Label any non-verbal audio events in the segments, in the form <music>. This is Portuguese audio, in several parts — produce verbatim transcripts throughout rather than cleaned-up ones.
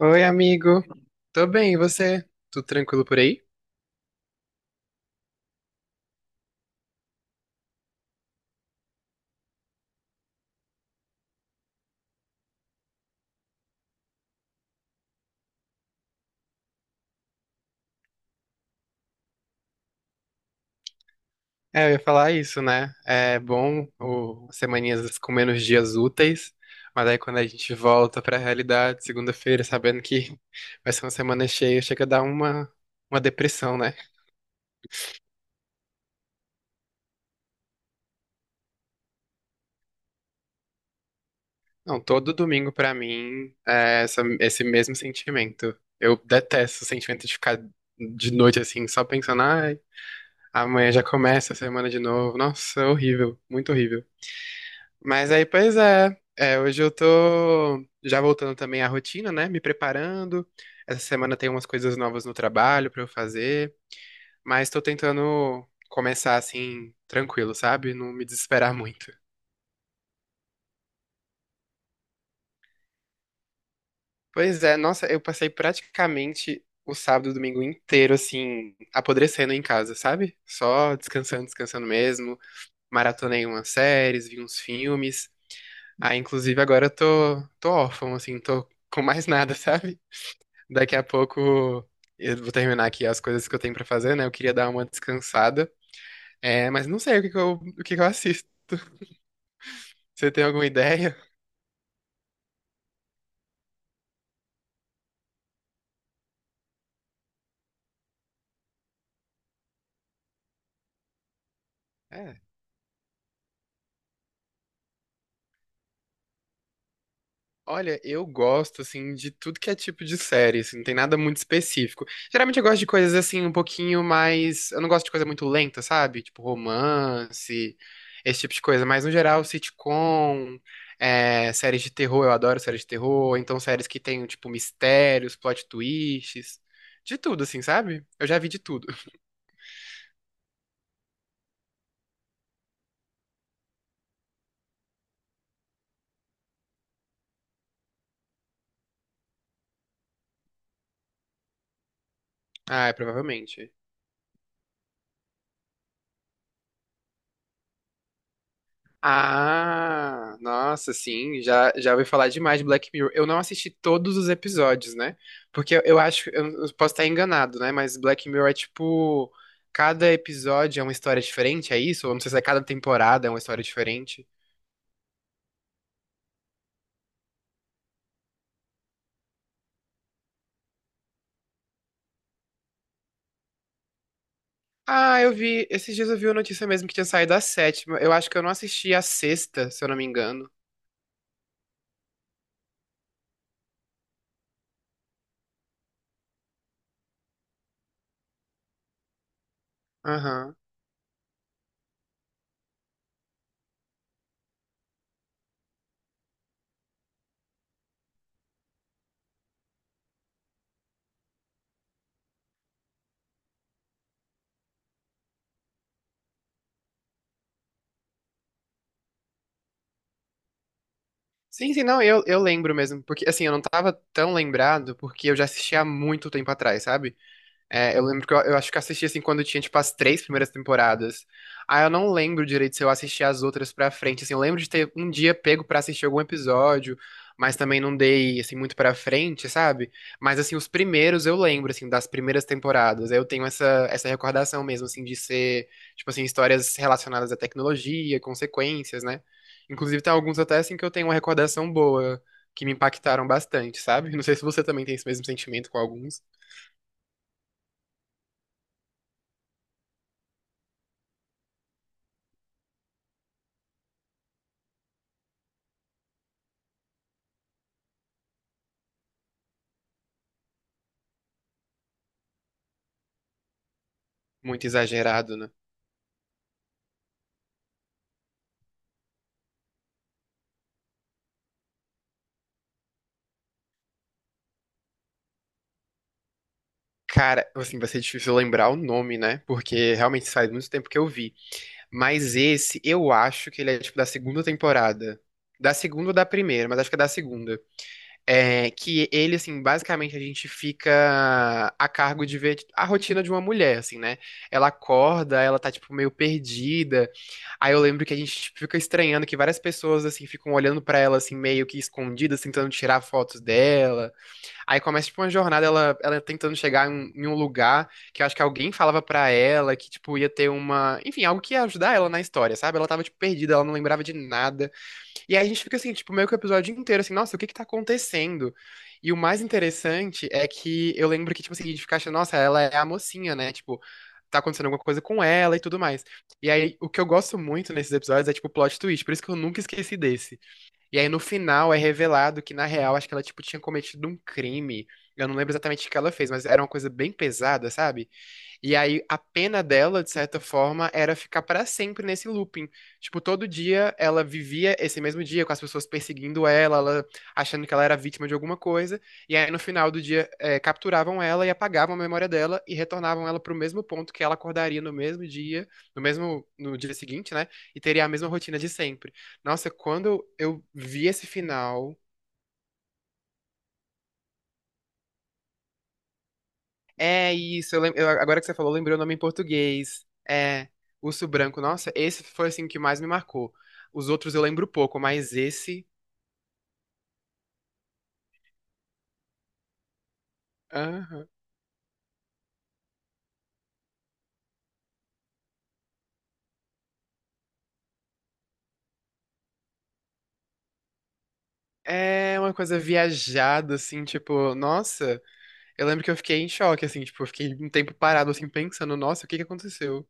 Oi, amigo. Tô bem, e você? Tudo tranquilo por aí? É, eu ia falar isso, né? É bom o as semaninhas com menos dias úteis, mas aí quando a gente volta pra realidade, segunda-feira, sabendo que <laughs> vai ser uma semana cheia, chega a dar uma, uma depressão, né? Não, todo domingo pra mim é essa- esse mesmo sentimento. Eu detesto o sentimento de ficar de noite assim, só pensando, ai, amanhã já começa a semana de novo. Nossa, é horrível, muito horrível. Mas aí, pois é. É, hoje eu tô já voltando também à rotina, né? Me preparando. Essa semana tem umas coisas novas no trabalho pra eu fazer, mas tô tentando começar assim, tranquilo, sabe? Não me desesperar <laughs> muito. Pois é, nossa, eu passei praticamente o sábado e o domingo inteiro assim, apodrecendo em casa, sabe? Só descansando, descansando mesmo. Maratonei umas séries, vi uns filmes. Aí, inclusive, agora eu tô, tô órfão, assim, tô com mais nada, <laughs> sabe? Daqui a pouco eu vou terminar aqui as coisas que eu tenho pra fazer, né? Eu queria dar uma descansada. É, mas não sei o que que eu, o que que eu assisto. Você tem alguma ideia? É. Olha, eu gosto, assim, de tudo que é tipo de série, assim, não tem nada muito específico. Geralmente eu gosto de coisas, assim, um pouquinho mais... Eu não gosto de coisa muito lenta, sabe? Tipo romance, esse tipo de coisa. Mas, no geral, sitcom, é, séries de terror, eu adoro séries de terror. Ou Então, séries que tem, tipo, mistérios, plot twists, de tudo, assim, sabe? Eu já vi de tudo. <laughs> Ah, é, provavelmente. Ah, nossa, sim, já, já ouvi falar demais de Black Mirror. Eu não assisti todos os episódios, né? Porque eu, eu acho, eu, eu posso estar enganado, né? Mas Black Mirror é tipo, cada episódio é uma história diferente, é isso? Ou não sei se é cada temporada é uma história diferente. Ah, eu vi, esses dias eu vi a notícia mesmo que tinha saído a sétima. Eu acho que eu não assisti a sexta, se eu não me engano. Aham. Sim, sim, não, eu, eu lembro mesmo, porque assim, eu não tava tão lembrado, porque eu já assisti há muito tempo atrás, sabe? É, eu lembro que eu, eu acho que eu assisti assim quando tinha, tipo, as três primeiras temporadas. Ah, eu não lembro direito se eu assisti as outras pra frente. Assim, eu lembro de ter um dia pego pra assistir algum episódio, mas também não dei, assim, muito pra frente, sabe? Mas, assim, os primeiros eu lembro, assim, das primeiras temporadas. Eu tenho essa, essa recordação mesmo, assim, de ser, tipo, assim, histórias relacionadas à tecnologia, consequências, né? Inclusive, tem alguns até, assim, que eu tenho uma recordação boa, que me impactaram bastante, sabe? Não sei se você também tem esse mesmo sentimento com alguns. Muito exagerado, né? Cara, assim, vai ser difícil lembrar o nome, né? Porque realmente faz muito tempo que eu vi. Mas esse, eu acho que ele é tipo da segunda temporada. Da segunda ou da primeira, mas acho que é da segunda. É que ele, assim, basicamente a gente fica a cargo de ver tipo, a rotina de uma mulher, assim, né? Ela acorda, ela tá, tipo, meio perdida. Aí eu lembro que a gente tipo, fica estranhando que várias pessoas, assim, ficam olhando pra ela, assim, meio que escondidas, tentando tirar fotos dela. Aí começa, tipo, uma jornada, ela, ela tentando chegar em, em um lugar que eu acho que alguém falava pra ela que, tipo, ia ter uma... Enfim, algo que ia ajudar ela na história, sabe? Ela tava, tipo, perdida, ela não lembrava de nada. E aí a gente fica, assim, tipo, meio que o episódio inteiro, assim, nossa, o que que tá acontecendo? E o mais interessante é que eu lembro que, tipo, assim, a gente fica achando, nossa, ela é a mocinha, né? Tipo, tá acontecendo alguma coisa com ela e tudo mais. E aí, o que eu gosto muito nesses episódios é, tipo, plot twist. Por isso que eu nunca esqueci desse. E aí no final é revelado que, na real, acho que ela, tipo, tinha cometido um crime. Eu não lembro exatamente o que ela fez, mas era uma coisa bem pesada, sabe? E aí a pena dela, de certa forma, era ficar pra sempre nesse looping. Tipo, todo dia ela vivia esse mesmo dia com as pessoas perseguindo ela, ela achando que ela era vítima de alguma coisa. E aí no final do dia eh, capturavam ela e apagavam a memória dela e retornavam ela pro mesmo ponto que ela acordaria no mesmo dia, no mesmo no dia seguinte, né? E teria a mesma rotina de sempre. Nossa, quando eu vi esse final. É isso, eu lem- eu- agora que você falou, lembrei o nome em português. É, Urso Branco. Nossa, esse foi assim o que mais me marcou. Os outros eu lembro pouco, mas esse. Aham. É uma coisa viajada, assim, tipo, nossa, eu lembro que eu fiquei em choque, assim, tipo, eu fiquei um tempo parado, assim, pensando, nossa, o que que aconteceu?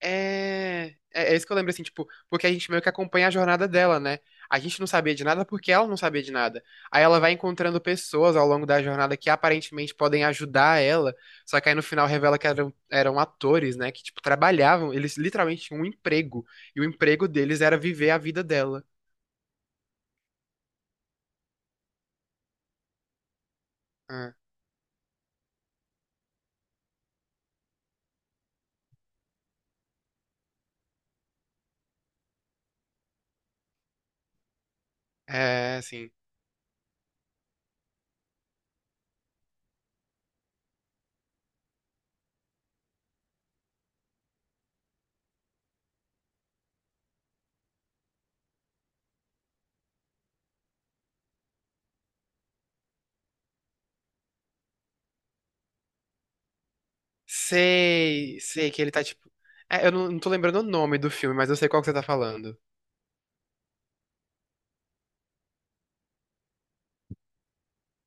É, é, é isso que eu lembro, assim, tipo, porque a gente meio que acompanha a jornada dela, né? A gente não sabia de nada porque ela não sabia de nada. Aí ela vai encontrando pessoas ao longo da jornada que aparentemente podem ajudar ela, só que aí no final revela que eram, eram atores, né? Que, tipo, trabalhavam, eles literalmente tinham um emprego, e o emprego deles era viver a vida dela. Ah, é, assim, sei, sei que ele tá, tipo... é, eu não, não tô lembrando o nome do filme, mas eu sei qual que você tá falando.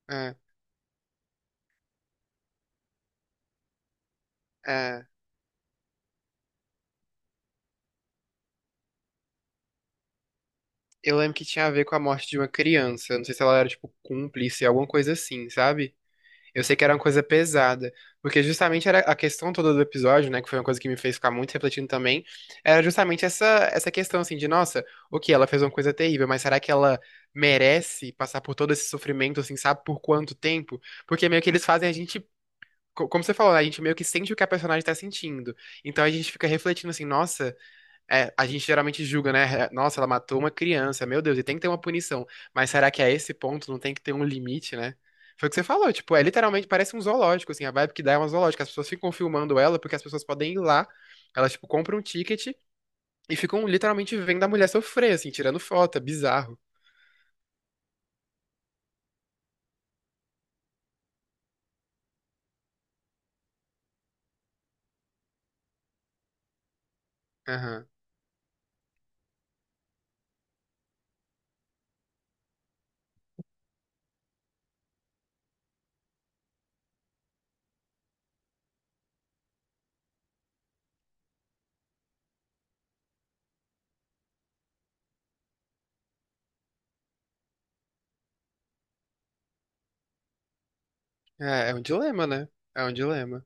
É, é. Eu lembro que tinha a ver com a morte de uma criança. Não sei se ela era, tipo, cúmplice, alguma coisa assim, sabe? Eu sei que era uma coisa pesada. Porque justamente era a questão toda do episódio, né? Que foi uma coisa que me fez ficar muito refletindo também. Era justamente essa, essa questão, assim, de, nossa, ok, ela fez uma coisa terrível, mas será que ela merece passar por todo esse sofrimento, assim, sabe por quanto tempo? Porque meio que eles fazem a gente. co- Como você falou, né, a gente meio que sente o que a personagem tá sentindo. Então a gente fica refletindo assim, nossa. É, a gente geralmente julga, né? É, nossa, ela matou uma criança, meu Deus, e tem que ter uma punição. Mas será que a esse ponto não tem que ter um limite, né? Foi o que você falou, tipo, é literalmente parece um zoológico, assim, a vibe que dá é uma zoológica. As pessoas ficam filmando ela porque as pessoas podem ir lá, elas, tipo, compram um ticket e ficam literalmente vendo a mulher sofrer, assim, tirando foto, é bizarro. Aham. É, é um dilema, né? É um dilema.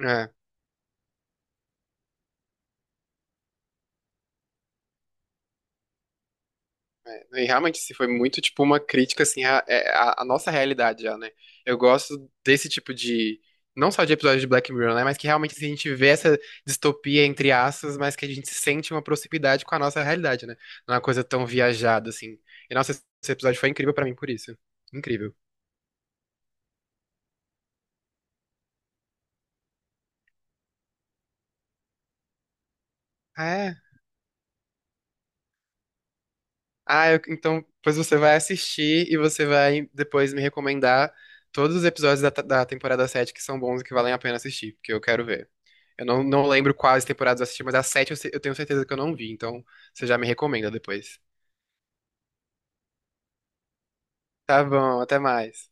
É. E realmente, assim, foi muito tipo uma crítica assim à, é, à- à nossa realidade já, né? Eu gosto desse tipo de, não só de episódio de Black Mirror, né, mas que realmente assim, a gente vê essa distopia entre aspas, mas que a gente sente uma proximidade com a nossa realidade, né? Não é uma coisa tão viajada assim. E nossa, esse episódio foi incrível pra mim por isso. Incrível. É. Ah, eu- então pois você vai assistir e você vai depois me recomendar todos os episódios da, da temporada sete que são bons e que valem a pena assistir, porque eu quero ver. Eu não, não lembro quais temporadas eu assisti, mas a sete eu, se- eu tenho certeza que eu não vi, então você já me recomenda depois. Tá bom, até mais.